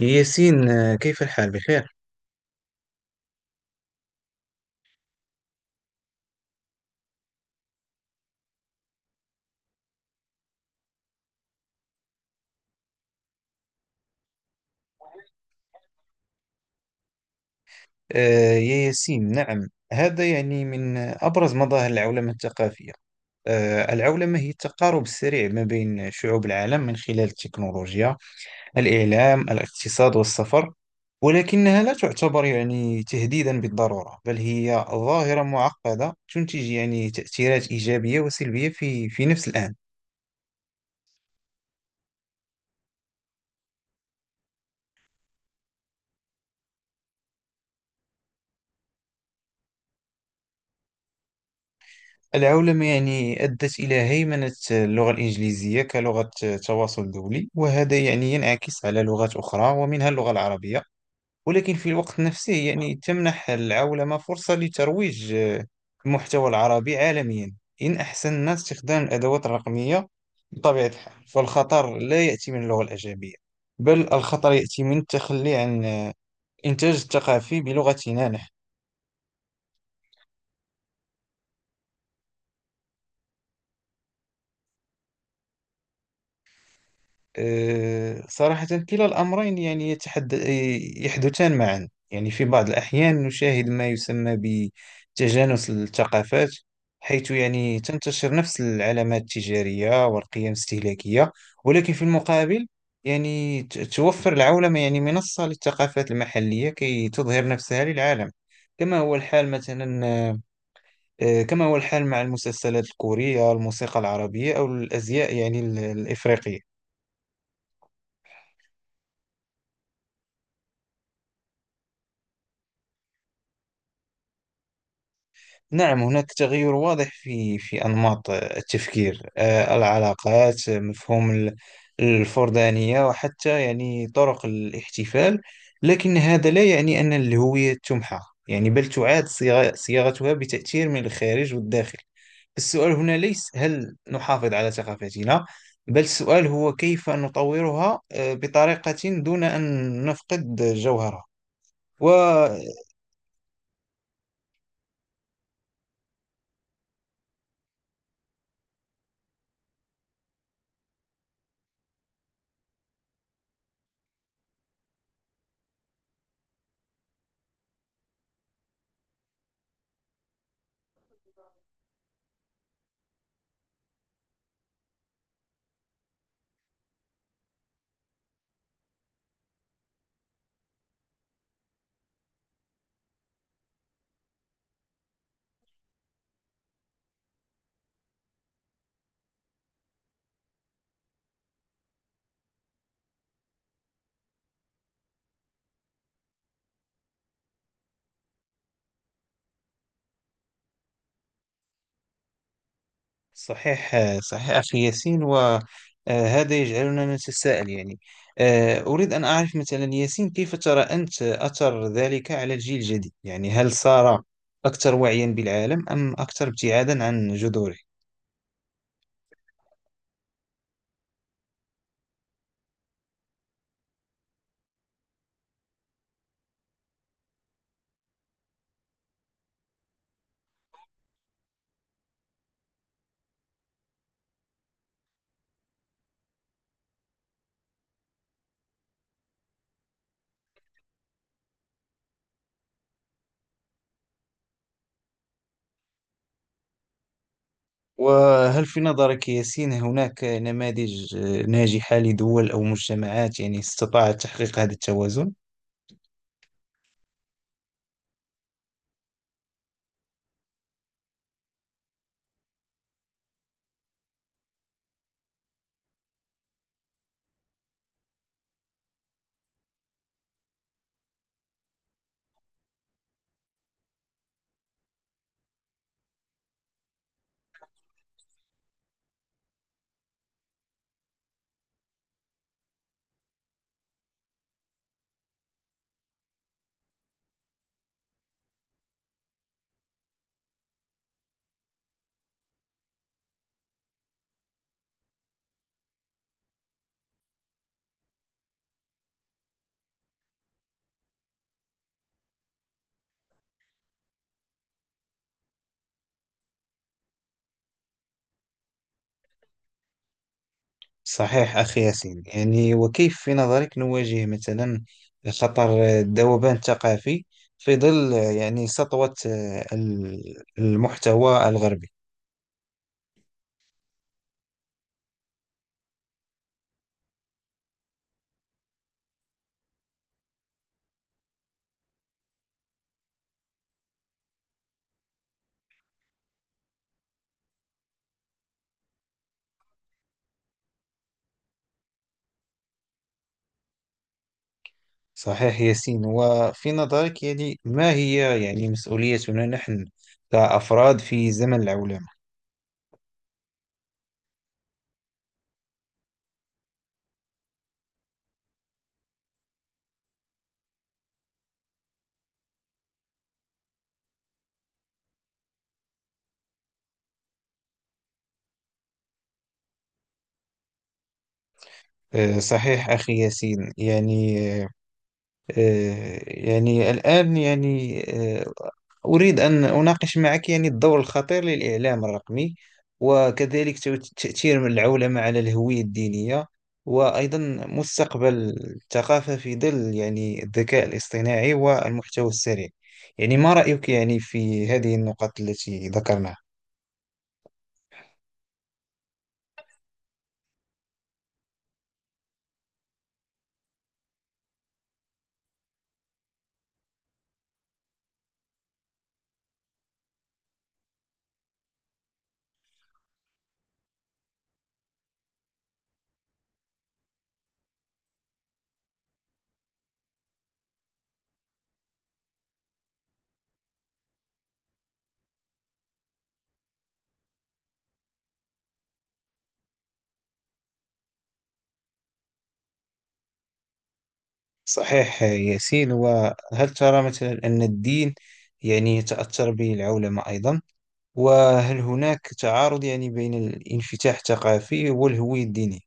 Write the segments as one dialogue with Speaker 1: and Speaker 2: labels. Speaker 1: يا ياسين، كيف الحال بخير؟ يا ياسين، نعم. هذا من أبرز مظاهر العولمة الثقافية. العولمة هي التقارب السريع ما بين شعوب العالم من خلال التكنولوجيا، الإعلام، الاقتصاد والسفر. ولكنها لا تعتبر تهديدا بالضرورة، بل هي ظاهرة معقدة تنتج تأثيرات إيجابية وسلبية في نفس الآن. العولمة أدت إلى هيمنة اللغة الإنجليزية كلغة تواصل دولي، وهذا ينعكس على لغات أخرى ومنها اللغة العربية. ولكن في الوقت نفسه، تمنح العولمة فرصة لترويج المحتوى العربي عالميا، إن أحسننا استخدام الأدوات الرقمية. بطبيعة الحال، فالخطر لا يأتي من اللغة الأجنبية، بل الخطر يأتي من التخلي عن الإنتاج الثقافي بلغتنا نحن. صراحة، كلا الأمرين يحدثان معا. في بعض الأحيان نشاهد ما يسمى بتجانس الثقافات، حيث تنتشر نفس العلامات التجارية والقيم الاستهلاكية. ولكن في المقابل، توفر العولمة منصة للثقافات المحلية كي تظهر نفسها للعالم. كما هو الحال مثلا كما هو الحال مع المسلسلات الكورية، الموسيقى العربية، أو الأزياء الإفريقية. نعم، هناك تغير واضح في أنماط التفكير، العلاقات، مفهوم الفردانية، وحتى طرق الاحتفال. لكن هذا لا يعني أن الهوية تمحى، بل تعاد صياغتها بتأثير من الخارج والداخل. السؤال هنا ليس هل نحافظ على ثقافتنا، بل السؤال هو كيف نطورها بطريقة دون أن نفقد جوهرها. صحيح، صحيح أخي ياسين. وهذا يجعلنا نتساءل، أريد أن أعرف مثلا ياسين، كيف ترى أنت أثر ذلك على الجيل الجديد. هل صار أكثر وعيا بالعالم أم أكثر ابتعادا عن جذوره؟ وهل في نظرك ياسين هناك نماذج ناجحة لدول أو مجتمعات استطاعت تحقيق هذا التوازن؟ صحيح أخي ياسين. وكيف في نظرك نواجه مثلا خطر الذوبان الثقافي، في ظل سطوة المحتوى الغربي. صحيح ياسين. وفي نظرك، ما هي مسؤوليتنا نحن كأفراد في زمن العولمة؟ صحيح أخي ياسين. يعني أه، يعني الآن آه، أريد أن أناقش معك الدور الخطير للإعلام الرقمي، وكذلك تأثير العولمة على الهوية الدينية، وأيضا مستقبل الثقافة في ظل الذكاء الاصطناعي والمحتوى السريع. ما رأيك في هذه النقط التي ذكرناها؟ صحيح ياسين. وهل ترى مثلا أن الدين تأثر به العولمة أيضا؟ وهل هناك تعارض بين الانفتاح الثقافي والهوية الدينية؟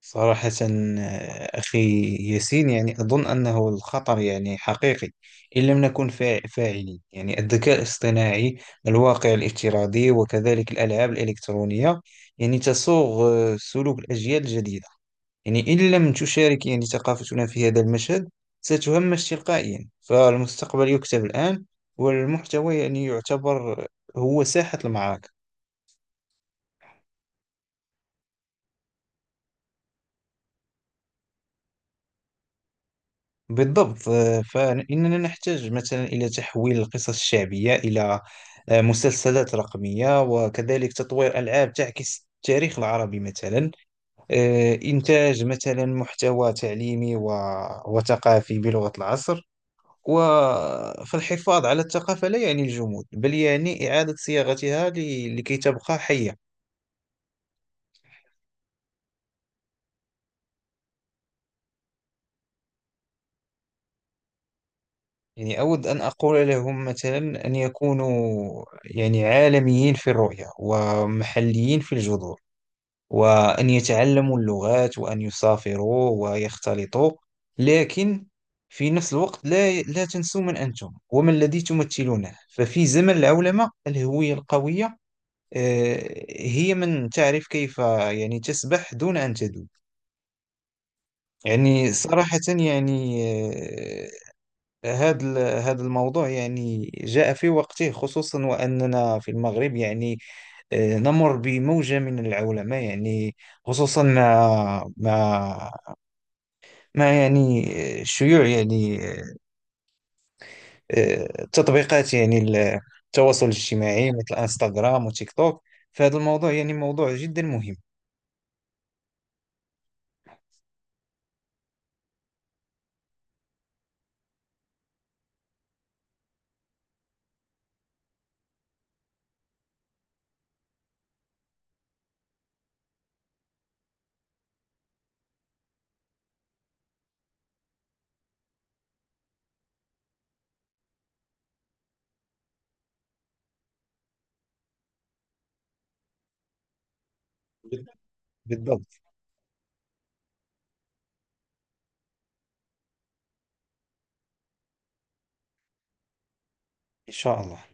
Speaker 1: صراحة، أخي ياسين، أظن أنه الخطر حقيقي إن لم نكن فاعلين. الذكاء الاصطناعي، الواقع الافتراضي، وكذلك الألعاب الإلكترونية تسوغ سلوك الأجيال الجديدة. إن لم تشارك ثقافتنا في هذا المشهد، ستهمش تلقائيا. فالمستقبل يكتب الآن، والمحتوى يعتبر هو ساحة المعركة. بالضبط. فإننا نحتاج مثلا إلى تحويل القصص الشعبية إلى مسلسلات رقمية، وكذلك تطوير ألعاب تعكس التاريخ العربي مثلا، إنتاج مثلا محتوى تعليمي وثقافي بلغة العصر و... فالحفاظ على الثقافة لا يعني الجمود، بل يعني إعادة صياغتها لكي تبقى حية. أود أن أقول لهم مثلا أن يكونوا عالميين في الرؤية ومحليين في الجذور، وأن يتعلموا اللغات وأن يسافروا ويختلطوا. لكن في نفس الوقت، لا لا تنسوا من أنتم ومن الذي تمثلونه. ففي زمن العولمة، الهوية القوية هي من تعرف كيف تسبح دون أن تدوب. صراحة، آه، هذا ال- هذا الموضوع جاء في وقته، خصوصا وأننا في المغرب، نمر بموجة من العولمة، خصوصا مع شيوع تطبيقات التواصل الاجتماعي، مثل انستغرام وتيك توك. فهذا الموضوع موضوع جدا مهم. بالضبط، إن شاء الله.